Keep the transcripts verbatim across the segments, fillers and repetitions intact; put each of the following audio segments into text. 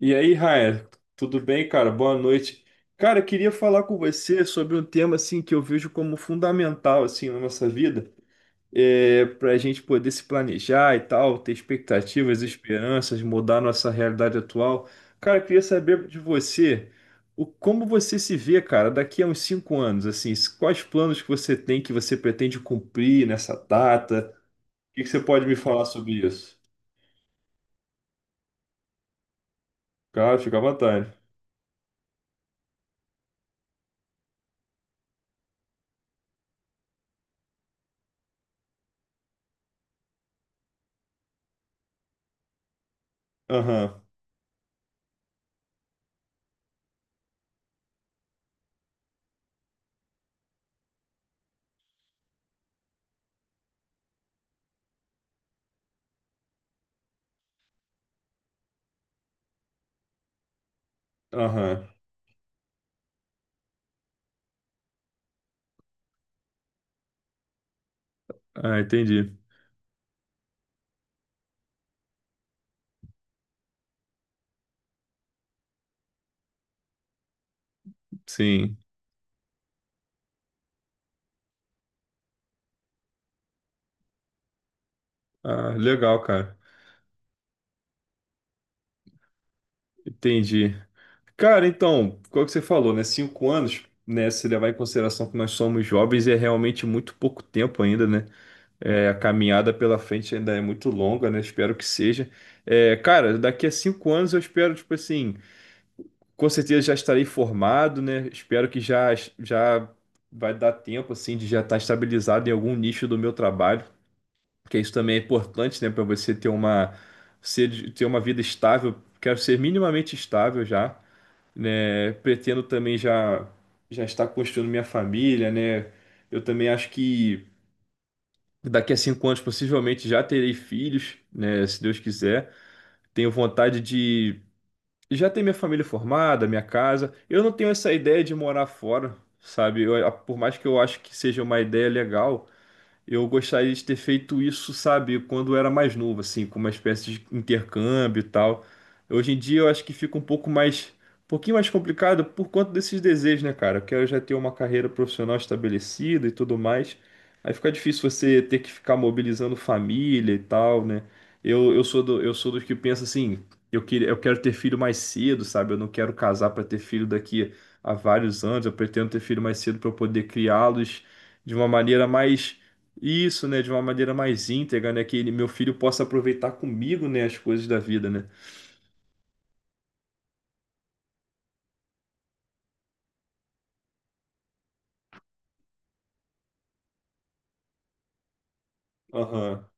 E aí, Raia, tudo bem, cara? Boa noite. Cara, eu queria falar com você sobre um tema assim que eu vejo como fundamental assim na nossa vida, para a gente poder se planejar e tal, ter expectativas, esperanças, mudar nossa realidade atual. Cara, eu queria saber de você o como você se vê, cara, daqui a uns cinco anos, assim, quais planos que você tem que você pretende cumprir nessa data? O que que você pode me falar sobre isso? Cara, fica à vontade. Aham, aham. Ah, entendi. Sim. Ah, legal, cara. Entendi. Cara, então, qual que você falou, né? Cinco anos, né? Se levar em consideração que nós somos jovens, é realmente muito pouco tempo ainda, né? É, a caminhada pela frente ainda é muito longa, né? Espero que seja. É, cara, daqui a cinco anos eu espero, tipo assim, com certeza já estarei formado, né? Espero que já, já vai dar tempo, assim, de já estar estabilizado em algum nicho do meu trabalho. Porque isso também é importante, né, para você ter uma ser, ter uma vida estável. Quero ser minimamente estável já, né? Pretendo também já já estar construindo minha família, né? Eu também acho que daqui a cinco anos possivelmente já terei filhos, né? Se Deus quiser. Tenho vontade de já ter minha família formada, minha casa. Eu não tenho essa ideia de morar fora, sabe? Eu- por mais que eu acho que seja uma ideia legal, eu gostaria de ter feito isso, sabe, quando eu era mais novo, assim, com uma espécie de intercâmbio e tal. Hoje em dia eu acho que fica um pouco mais, um pouquinho mais complicado por conta desses desejos, né, cara? Eu quero já ter uma carreira profissional estabelecida e tudo mais. Aí fica difícil você ter que ficar mobilizando família e tal, né? Eu, eu sou do, eu sou dos que pensa assim, eu queria, eu quero ter filho mais cedo, sabe? Eu não quero casar para ter filho daqui a vários anos. Eu pretendo ter filho mais cedo para eu poder criá-los de uma maneira mais isso, né, de uma maneira mais íntegra, né, que ele- meu filho possa aproveitar comigo, né, as coisas da vida, né? Aham,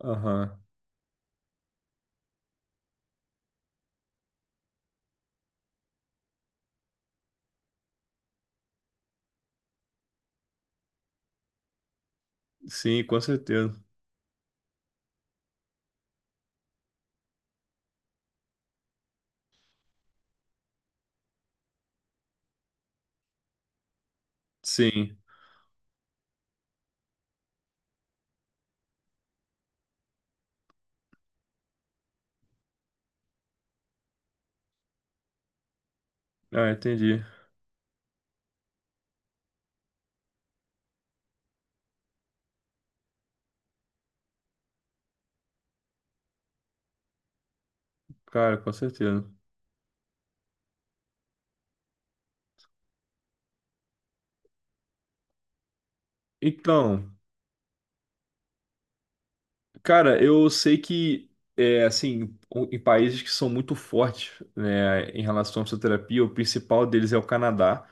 aham. Sim, com certeza. Sim. Ah, entendi. Cara, com certeza. Então, cara, eu sei que, é, assim, o- em países que são muito fortes, né, em relação à fisioterapia, o principal deles é o Canadá.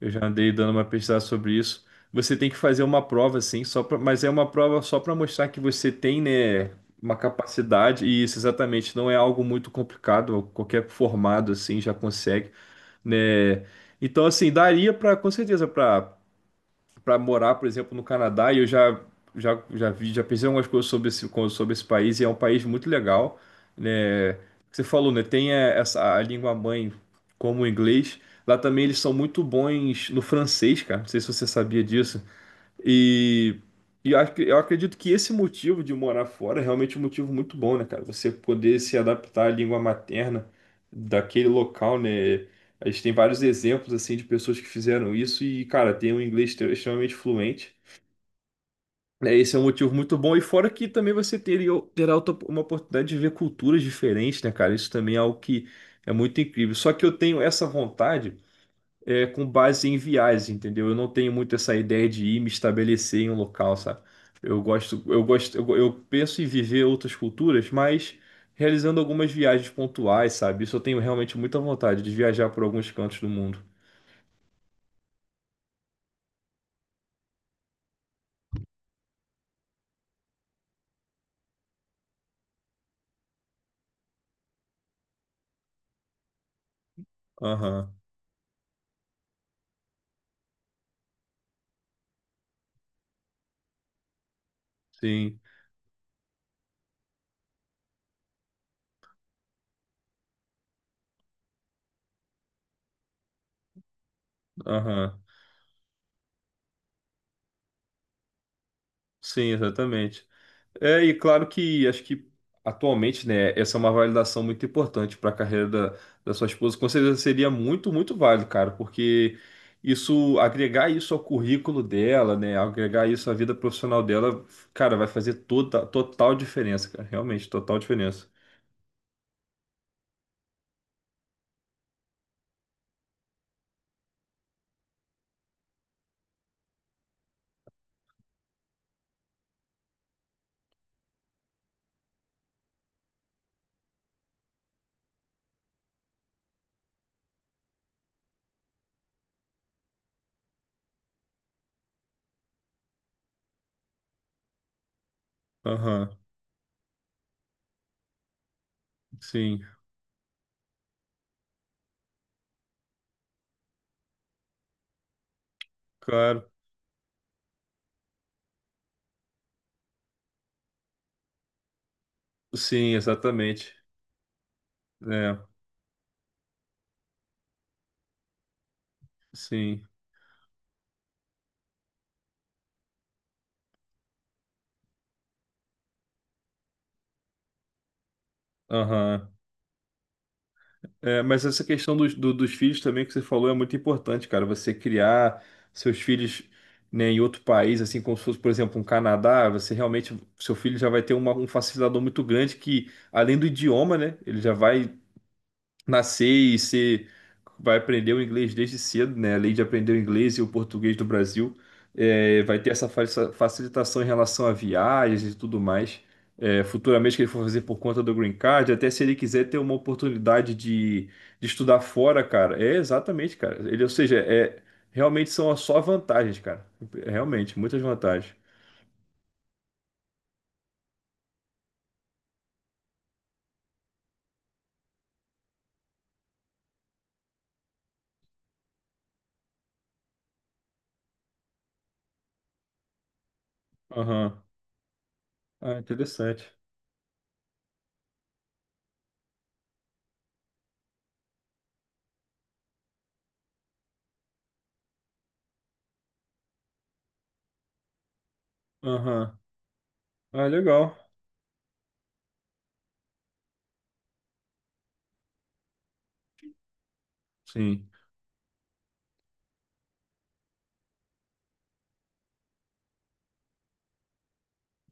Eu já andei dando uma pesquisada sobre isso. Você tem que fazer uma prova, assim, só pra, mas é uma prova só para mostrar que você tem, né, uma capacidade, e isso exatamente não é algo muito complicado, qualquer formado, assim, já consegue, né. Então, assim, daria para, com certeza, para para morar, por exemplo, no Canadá, e eu já, já, já vi, já pensei em algumas coisas sobre esse, co- sobre esse país, e é um país muito legal, né? Você falou, né? Tem eh, essa, a língua mãe como o inglês. Lá também eles são muito bons no francês, cara. Não sei se você sabia disso. E, e eu, ac- eu acredito que esse motivo de morar fora é realmente um motivo muito bom, né, cara? Você poder se adaptar à língua materna daquele local, né? A gente tem vários exemplos, assim, de pessoas que fizeram isso e, cara, tem um inglês extre- extremamente fluente. É, esse é um motivo muito bom. E fora que também você teria, terá outra- uma oportunidade de ver culturas diferentes, né, cara? Isso também é algo que é muito incrível. Só que eu tenho essa vontade é, com base em viagens, entendeu? Eu não tenho muito essa ideia de ir me estabelecer em um local, sabe? Eu gosto, eu gosto, eu, eu penso em viver outras culturas, mas realizando algumas viagens pontuais, sabe? Isso eu tenho realmente muita vontade de viajar por alguns cantos do mundo. Aham, sim, aham, sim, exatamente. É, e claro que acho que atualmente, né, essa é uma validação muito importante para a carreira da, da sua esposa. Com certeza seria muito, muito válido, cara, porque isso, agregar isso ao currículo dela, né, agregar isso à vida profissional dela, cara, vai fazer toda, total diferença, cara, realmente, total diferença. Aham, sim, claro, sim, exatamente. É, sim, aham. É, mas essa questão dos, do- dos filhos também que você falou é muito importante, cara. Você criar seus filhos, né, em outro país, assim como se fosse, por exemplo, um Canadá, você realmente, seu filho já vai ter uma- um facilitador muito grande que, além do idioma, né, ele já vai nascer e ser, vai aprender o inglês desde cedo, né? Além de aprender o inglês e o português do Brasil, é, vai ter essa fa- facilitação em relação a viagens e tudo mais. É, futuramente que ele for fazer por conta do Green Card, até se ele quiser ter uma oportunidade de, de estudar fora, cara. É exatamente, cara. Ele, ou seja, é realmente são só vantagens, cara. É, realmente, muitas vantagens. Aham. Ah, interessante. Aham. Ah, legal. Sim.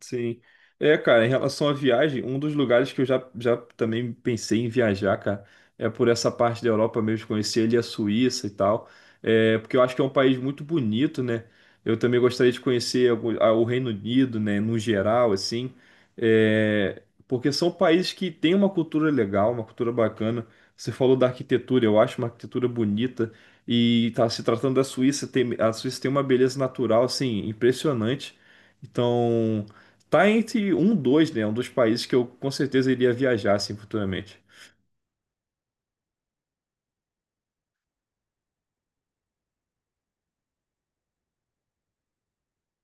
Sim. É, cara, em relação à viagem, um dos lugares que eu já, já também pensei em viajar, cara, é por essa parte da Europa mesmo, conhecer ali a Suíça e tal. É, porque eu acho que é um país muito bonito, né? Eu também gostaria de conhecer algum- a- o Reino Unido, né, no geral, assim. É, porque são países que têm uma cultura legal, uma cultura bacana. Você falou da arquitetura, eu acho uma arquitetura bonita. E tá se tratando da Suíça, tem, a Suíça tem uma beleza natural, assim, impressionante. Então. Tá entre um, dois, né? É um dos países que eu com certeza iria viajar, assim, futuramente.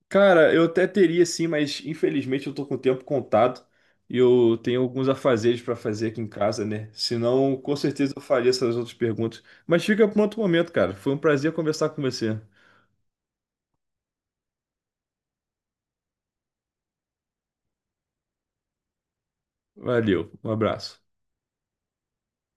Cara, eu até teria, sim, mas infelizmente eu tô com o tempo contado e eu tenho alguns afazeres pra fazer aqui em casa, né? Senão, com certeza eu faria essas outras perguntas. Mas fica para outro momento, cara. Foi um prazer conversar com você. Valeu, um abraço.